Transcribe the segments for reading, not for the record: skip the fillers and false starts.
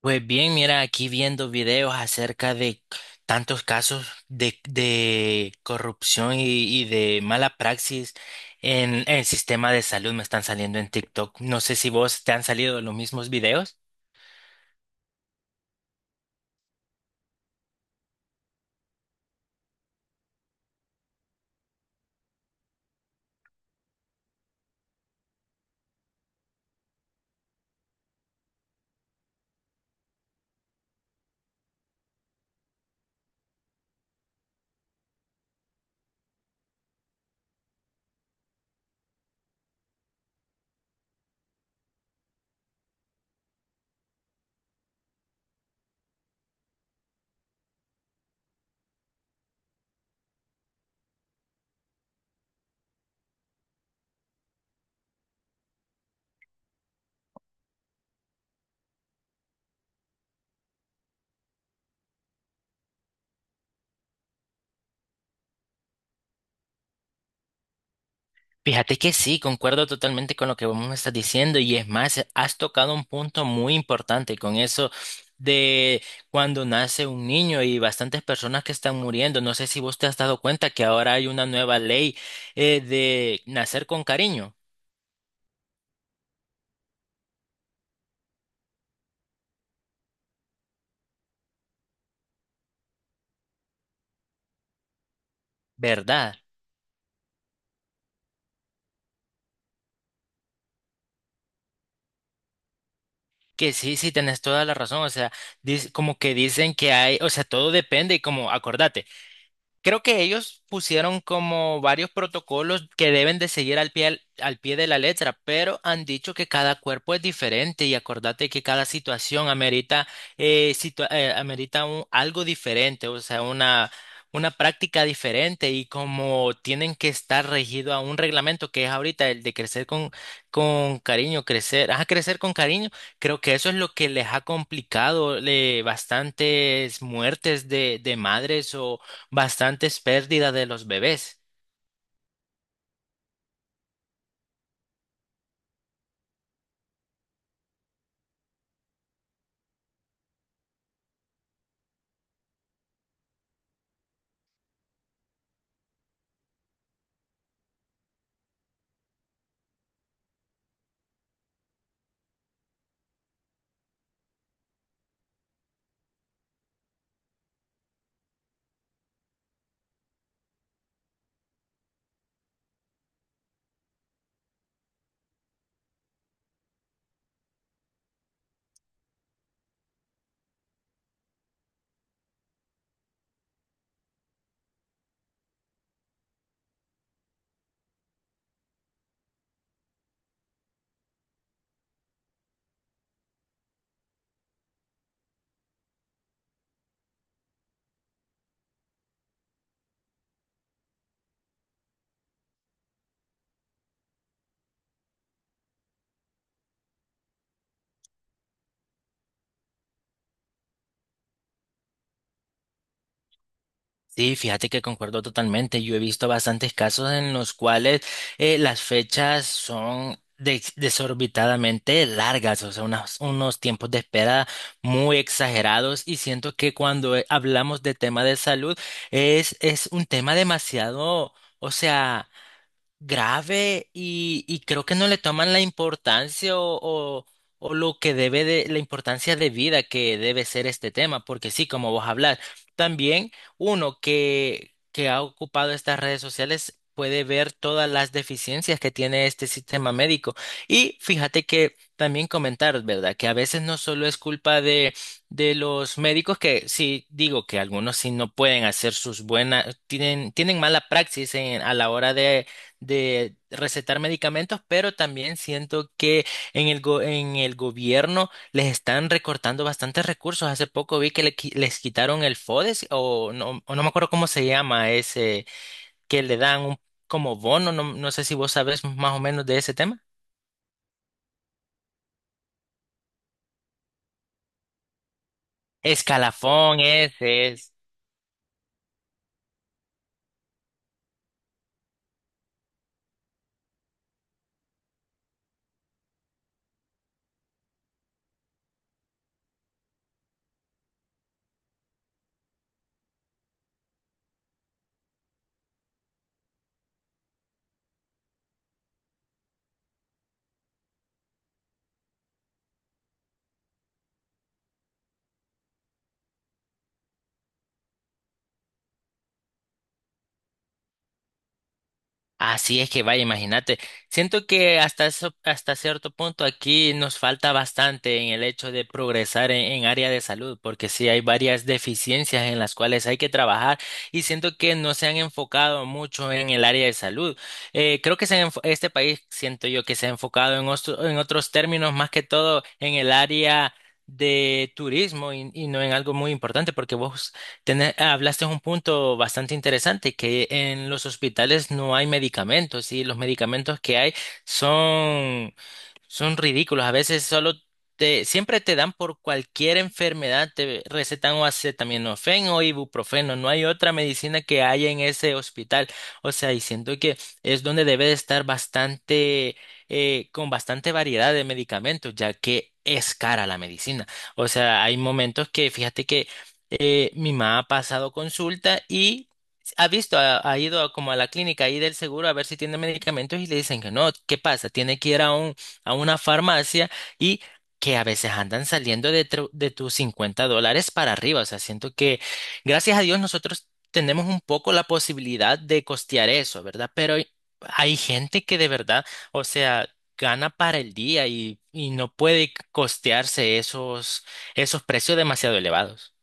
Pues bien, mira, aquí viendo videos acerca de tantos casos de corrupción y de mala praxis en el sistema de salud me están saliendo en TikTok. No sé si vos te han salido los mismos videos. Fíjate que sí, concuerdo totalmente con lo que vos me estás diciendo y es más, has tocado un punto muy importante con eso de cuando nace un niño y bastantes personas que están muriendo. No sé si vos te has dado cuenta que ahora hay una nueva ley de nacer con cariño. ¿Verdad? Que sí, sí, tenés toda la razón. O sea, como que dicen que hay, o sea, todo depende y, como, acordate, creo que ellos pusieron como varios protocolos que deben de seguir al pie, al pie de la letra, pero han dicho que cada cuerpo es diferente y acordate que cada situación amerita, amerita algo diferente, o sea, una práctica diferente y como tienen que estar regido a un reglamento que es ahorita el de crecer con cariño, crecer, ajá, crecer con cariño, creo que eso es lo que les ha complicado, bastantes muertes de madres, bastantes pérdidas de los bebés. Sí, fíjate que concuerdo totalmente. Yo he visto bastantes casos en los cuales las fechas son desorbitadamente largas, o sea, unos tiempos de espera muy exagerados, y siento que cuando hablamos de tema de salud es un tema demasiado, o sea, grave, y creo que no le toman la importancia o lo que debe, de la importancia de vida que debe ser este tema, porque sí, como vos hablar, también uno que ha ocupado estas redes sociales puede ver todas las deficiencias que tiene este sistema médico. Y fíjate que también comentar, ¿verdad? Que a veces no solo es culpa de los médicos, que sí, digo que algunos sí no pueden hacer sus buenas, tienen mala praxis a la hora de recetar medicamentos, pero también siento que en el gobierno les están recortando bastantes recursos. Hace poco vi que les quitaron el FODES o no me acuerdo cómo se llama ese, que le dan un como bono, no, no sé si vos sabés más o menos de ese tema. Escalafón, ese es. Así es que vaya, imagínate. Siento que hasta cierto punto aquí nos falta bastante en el hecho de progresar en área de salud, porque sí hay varias deficiencias en las cuales hay que trabajar y siento que no se han enfocado mucho en el área de salud. Creo que este país, siento yo, que se ha enfocado en otros términos, más que todo en el área de turismo y no en algo muy importante, porque vos hablaste de un punto bastante interesante, que en los hospitales no hay medicamentos y los medicamentos que hay son son ridículos. A veces solo siempre te dan, por cualquier enfermedad, te recetan o acetaminofén o ibuprofeno. No hay otra medicina que haya en ese hospital. O sea, y siento que es donde debe de estar bastante, con bastante variedad de medicamentos, ya que es cara la medicina. O sea, hay momentos que, fíjate que mi mamá ha pasado consulta y ha ha ido como a la clínica ahí del seguro a ver si tiene medicamentos y le dicen que no. ¿Qué pasa? Tiene que ir a un a una farmacia, y que a veces andan saliendo de tus $50 para arriba. O sea, siento que gracias a Dios nosotros tenemos un poco la posibilidad de costear eso, ¿verdad? Pero hay gente que de verdad, o sea, gana para el día y no puede costearse esos precios demasiado elevados.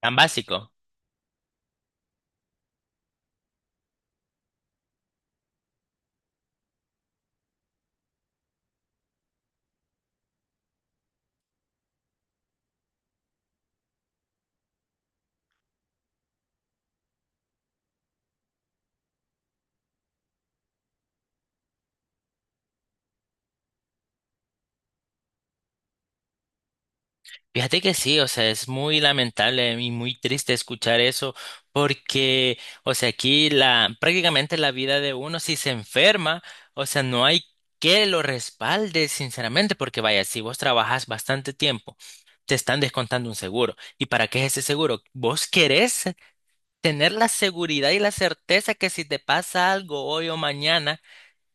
Tan básico. Fíjate que sí, o sea, es muy lamentable y muy triste escuchar eso, porque, o sea, aquí prácticamente la vida de uno, si se enferma, o sea, no hay que lo respalde, sinceramente, porque vaya, si vos trabajas bastante tiempo, te están descontando un seguro. ¿Y para qué es ese seguro? Vos querés tener la seguridad y la certeza que si te pasa algo hoy o mañana,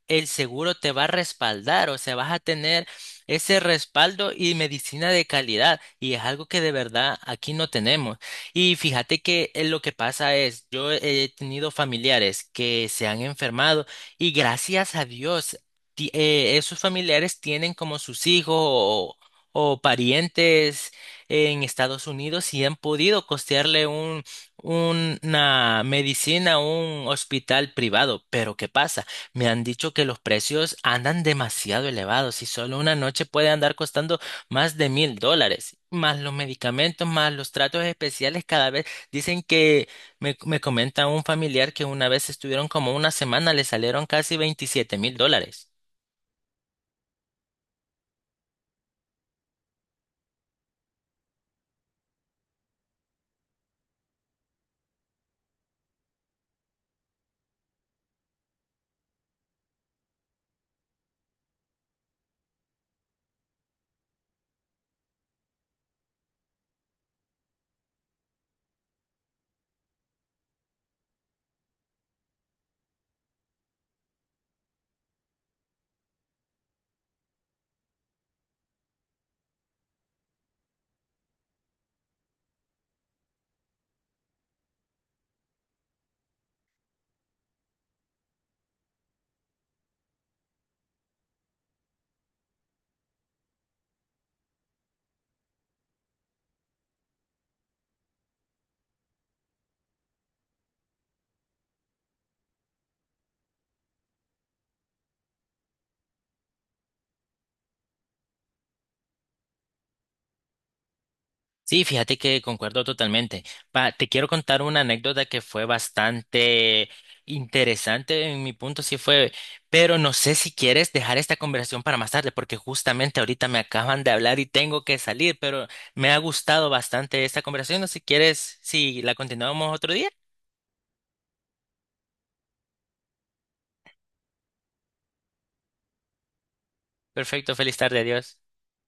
el seguro te va a respaldar, o sea, vas a tener ese respaldo y medicina de calidad, y es algo que de verdad aquí no tenemos. Y fíjate que lo que pasa es, yo he tenido familiares que se han enfermado y, gracias a Dios, esos familiares tienen como sus hijos o parientes en Estados Unidos y han podido costearle una medicina a un hospital privado. Pero ¿qué pasa? Me han dicho que los precios andan demasiado elevados y solo una noche puede andar costando más de $1,000, más los medicamentos, más los tratos especiales cada vez. Dicen que, me comenta un familiar, que una vez estuvieron como una semana, le salieron casi $27,000. Sí, fíjate que concuerdo totalmente. Te quiero contar una anécdota que fue bastante interesante, en mi punto sí fue, pero no sé si quieres dejar esta conversación para más tarde, porque justamente ahorita me acaban de hablar y tengo que salir, pero me ha gustado bastante esta conversación. No sé si quieres, si la continuamos otro día. Perfecto, feliz tarde, adiós.